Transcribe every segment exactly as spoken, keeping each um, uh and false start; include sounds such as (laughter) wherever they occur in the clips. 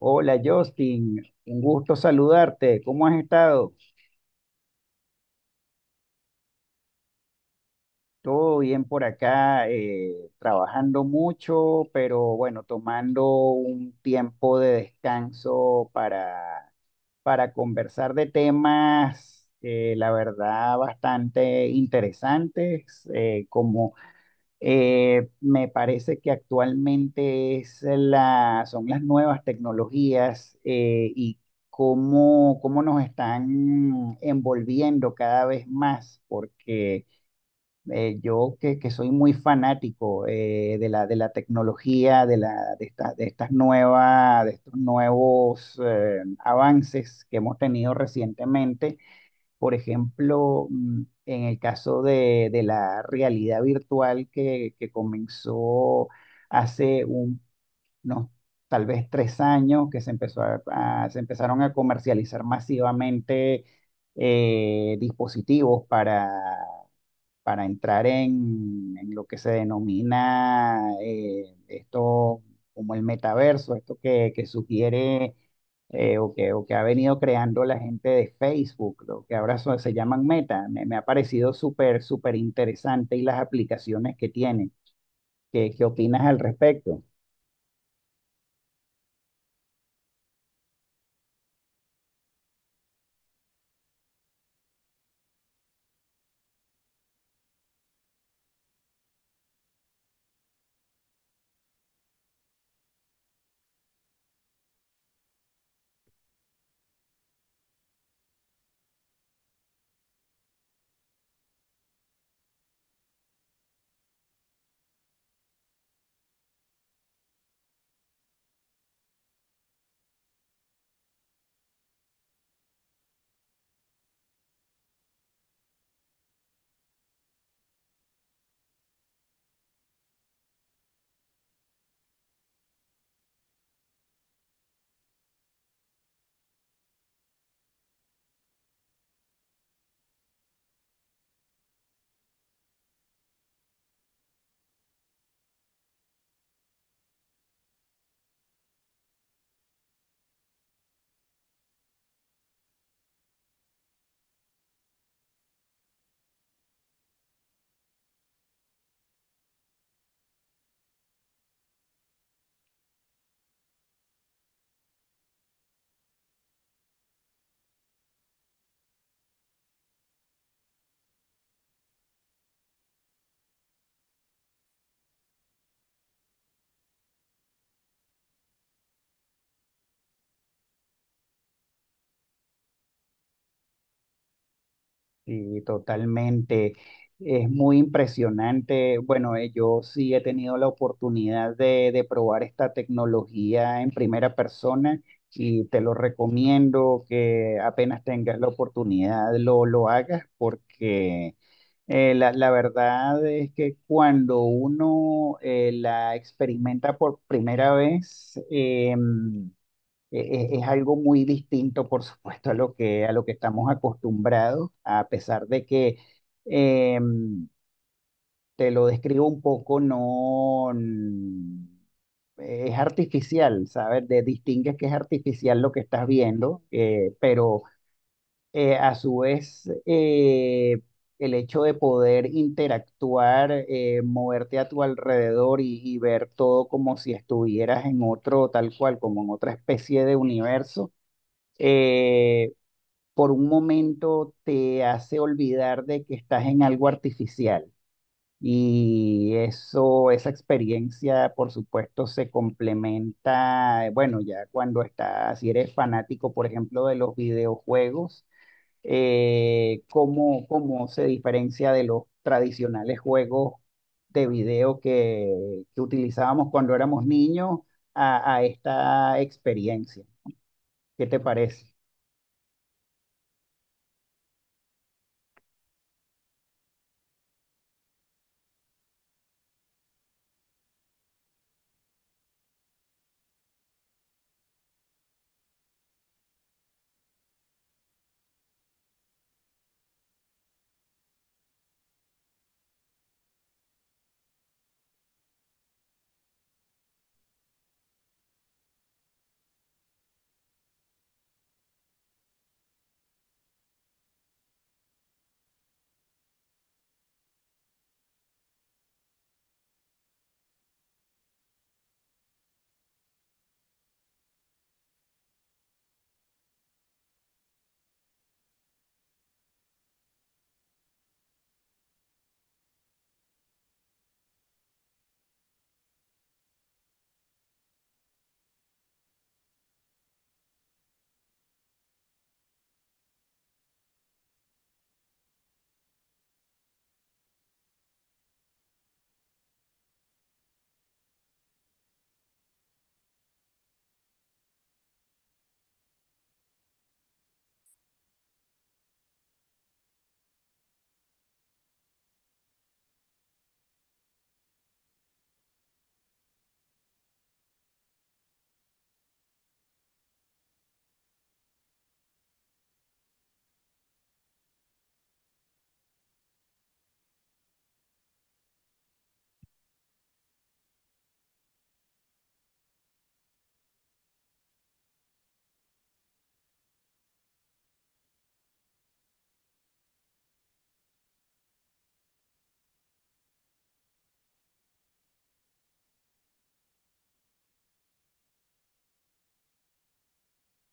Hola Justin, un gusto saludarte. ¿Cómo has estado? Todo bien por acá, eh, trabajando mucho, pero bueno, tomando un tiempo de descanso para, para conversar de temas, eh, la verdad, bastante interesantes, eh, como Eh, me parece que actualmente es la, son las nuevas tecnologías eh, y cómo, cómo nos están envolviendo cada vez más, porque eh, yo que, que soy muy fanático eh, de la, de la tecnología, de, la, de, esta- de estas nuevas, de estos nuevos eh, avances que hemos tenido recientemente, por ejemplo, mm, en el caso de, de la realidad virtual que, que comenzó hace un- unos tal vez tres años, que se empezó a- a- se empezaron a comercializar masivamente eh, dispositivos para para entrar en, en lo que se denomina eh, esto como el metaverso, esto que, que sugiere eh, o que, o que ha venido creando la gente de Facebook, lo que ahora son- se llaman Meta. Me, me ha parecido súper, súper interesante y las aplicaciones que tienen. ¿Qué, qué opinas al respecto? Sí, totalmente. Es muy impresionante. Bueno, eh, yo sí he tenido la oportunidad de, de probar esta tecnología en primera persona y te lo recomiendo que apenas tengas la oportunidad lo, lo hagas porque eh, la, la verdad es que cuando uno eh, la experimenta por primera vez, em, e- e- es algo muy distinto, por supuesto, a lo que, a lo que estamos acostumbrados, a pesar de que, em, te lo describo un poco, no n- es artificial, ¿sabes? De, distingues que es artificial lo que estás viendo, eh, pero, eh, a su vez, eh, el hecho de poder interactuar, eh, moverte a tu alrededor y y ver todo como si estuvieras en otro, tal cual, como en otra especie de universo, eh, por un momento te hace olvidar de que estás en algo artificial. Y eso, esa experiencia, por supuesto, se complementa, eh, bueno, ya cuando estás, si eres fanático, por ejemplo, de los videojuegos, eh, cómo, cómo se diferencia de los tradicionales juegos de video que, que utilizábamos cuando éramos niños a, a esta experiencia. ¿Qué te parece?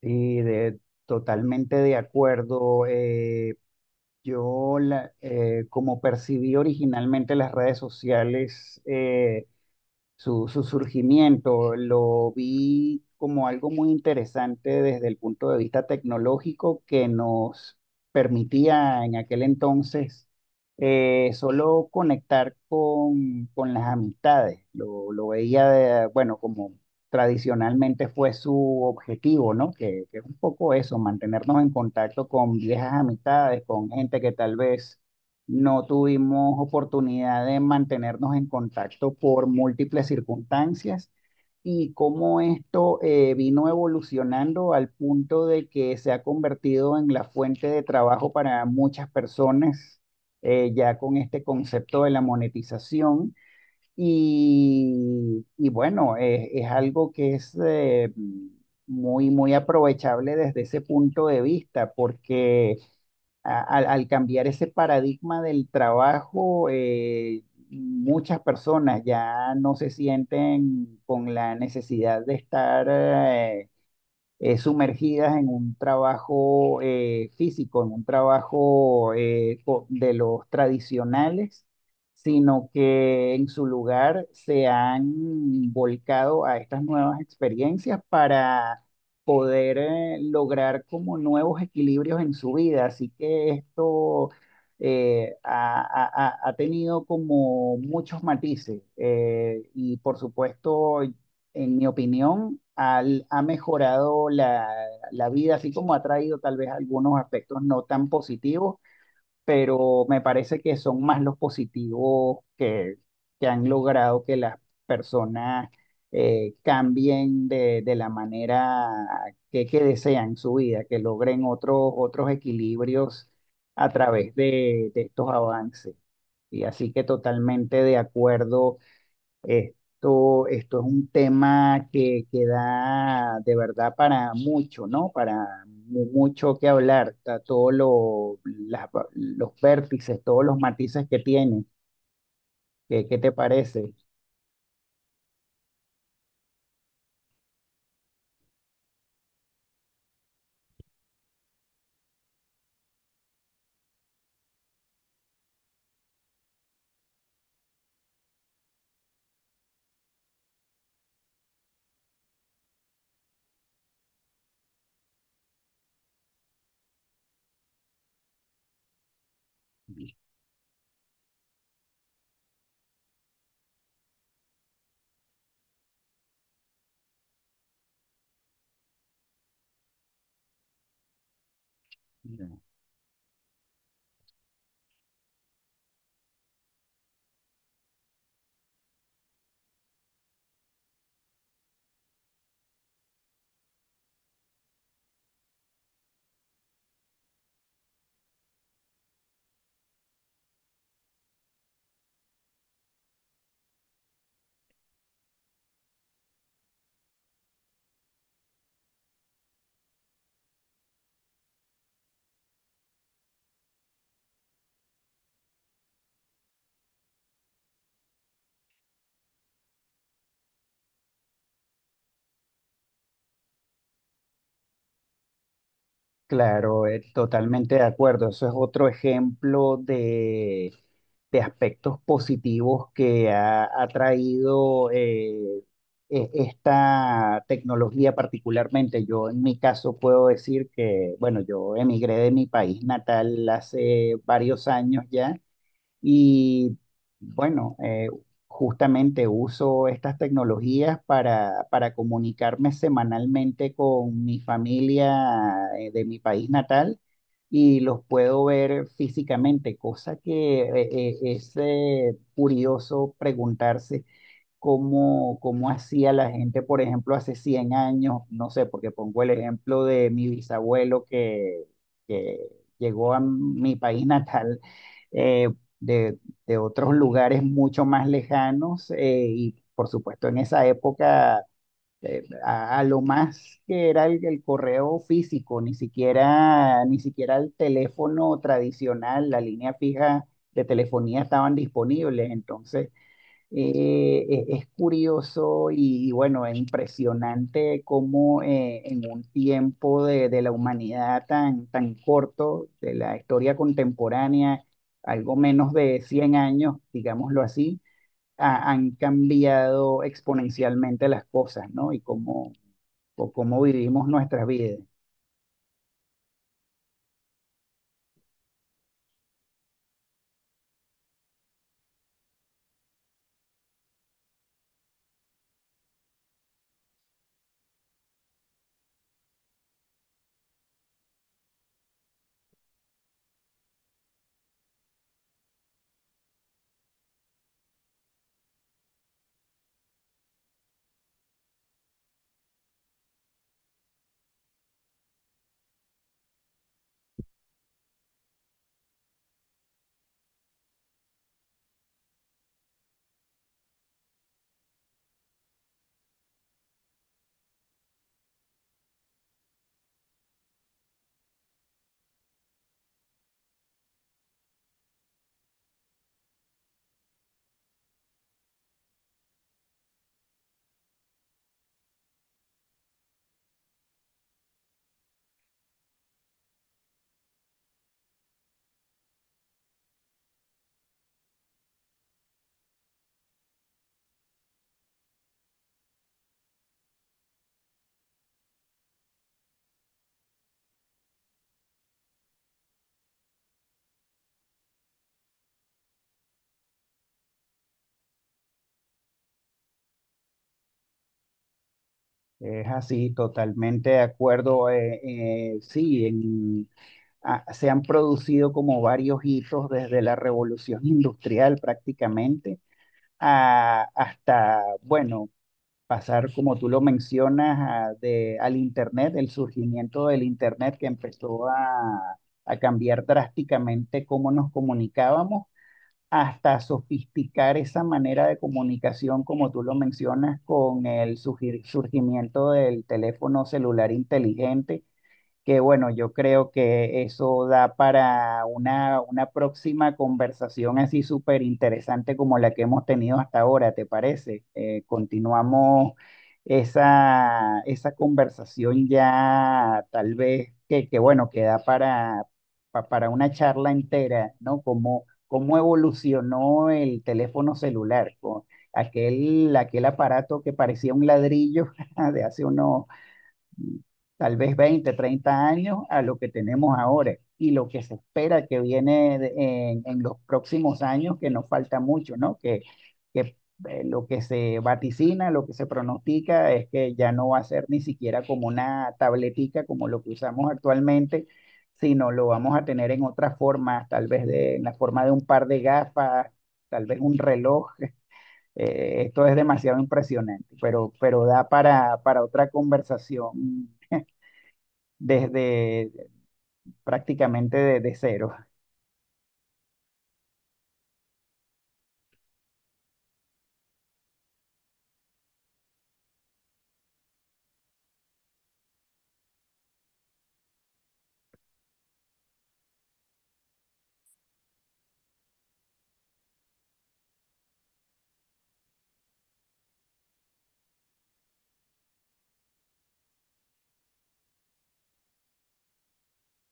Sí, de, totalmente de acuerdo. Eh, yo, la- eh, como percibí originalmente las redes sociales, eh, su, su surgimiento. Lo vi como algo muy interesante desde el punto de vista tecnológico que nos permitía en aquel entonces eh, solo conectar con, con las amistades. Lo, lo veía, de- bueno, como tradicionalmente fue su objetivo, ¿no? Que, que es un poco eso, mantenernos en contacto con viejas amistades, con gente que tal vez no tuvimos oportunidad de mantenernos en contacto por múltiples circunstancias, y cómo esto eh, vino evolucionando al punto de que se ha convertido en la fuente de trabajo para muchas personas, eh, ya con este concepto de la monetización. Y, y bueno, eh, es algo que es eh, muy, muy aprovechable desde ese punto de vista, porque a- al, al cambiar ese paradigma del trabajo, eh, muchas personas ya no se sienten con la necesidad de estar, eh, eh, sumergidas en un trabajo eh, físico, en un trabajo eh, co- de los tradicionales, sino que en su lugar se han volcado a estas nuevas experiencias para poder eh, lograr como nuevos equilibrios en su vida. Así que esto eh, ha, ha- ha- ha tenido como muchos matices eh, y por supuesto, en mi opinión, al- ha mejorado la, la vida, así como ha traído tal vez algunos aspectos no tan positivos, pero me parece que son más los positivos que, que han logrado que las personas eh, cambien de, de la manera que, que desean su vida, que logren otros, otros equilibrios a través de de estos avances. Y así que, totalmente de acuerdo, esto, esto es un tema que, que da de verdad para mucho, ¿no? Para mu- mucho que hablar, está todo lo- las va- los vértices, todos los matices que tiene. ¿Qué, qué te parece? Claro, eh, totalmente de acuerdo. Eso es otro ejemplo de aspectos positivos que ha, ha traído, eh, e- esta tecnología particularmente. Yo en mi caso puedo decir que, bueno, yo emigré de mi país natal hace varios años ya, y bueno, eh, justamente uso estas tecnologías para, para comunicarme semanalmente con mi familia eh, de mi país natal, y los puedo ver físicamente, cosa que eh, eh, es eh, curioso preguntarse cómo, cómo hacía la gente, por ejemplo, hace cien años, no sé, porque pongo el ejemplo de mi bisabuelo que, que llegó a mi país natal, eh, de, de otros lugares mucho más lejanos, eh, y por supuesto en esa época eh, a, a lo más que era el, el correo físico, ni siquiera, ni siquiera el teléfono tradicional, la línea fija de telefonía estaban disponibles, entonces eh, e- es curioso, y, y bueno, es impresionante cómo eh, en un tiempo de, de la humanidad tan, tan corto, de la historia contemporánea, algo menos de cien años, digámoslo así, ha- han cambiado exponencialmente las cosas, ¿no? Y cómo, o cómo vivimos nuestras vidas. Es así, totalmente de acuerdo. Eh, eh, sí, en, ah, se han producido como varios hitos desde la revolución industrial prácticamente a- hasta, bueno, pasar, como tú lo mencionas, a- de, al Internet, el surgimiento del Internet que empezó a, a cambiar drásticamente cómo nos comunicábamos, hasta sofisticar esa manera de comunicación, como tú lo mencionas, con el surgir- surgimiento del teléfono celular inteligente, que bueno, yo creo que eso da para una, una próxima conversación así súper interesante como la que hemos tenido hasta ahora, ¿te parece? Eh, continuamos esa, esa conversación ya tal vez que, que bueno, que da para, pa- para una charla entera, ¿no? Cómo, cómo evolucionó el teléfono celular, con aquel, aquel aparato que parecía un ladrillo (laughs) de hace unos tal vez veinte treinta años a lo que tenemos ahora, y lo que se espera que viene de- en, en los próximos años, que nos falta mucho, ¿no? Que, que eh, lo que se vaticina, lo que se pronostica es que ya no va a ser ni siquiera como una tabletica como lo que usamos actualmente, sino lo vamos a tener en otras formas, tal vez de, en la forma de un par de gafas, tal vez un reloj. Eh, esto es demasiado impresionante, pero, pero da para, para otra conversación desde prácticamente de, de cero.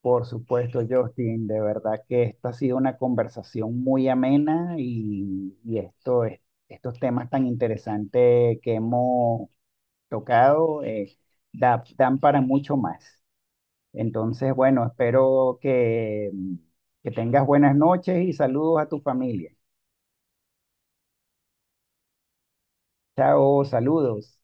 Por supuesto, Justin, de verdad que esto ha sido una conversación muy amena, y, y esto es- estos temas tan interesantes que hemos tocado, eh, da- dan para mucho más. Entonces, bueno, espero que, que tengas buenas noches y saludos a tu familia. Chao, saludos.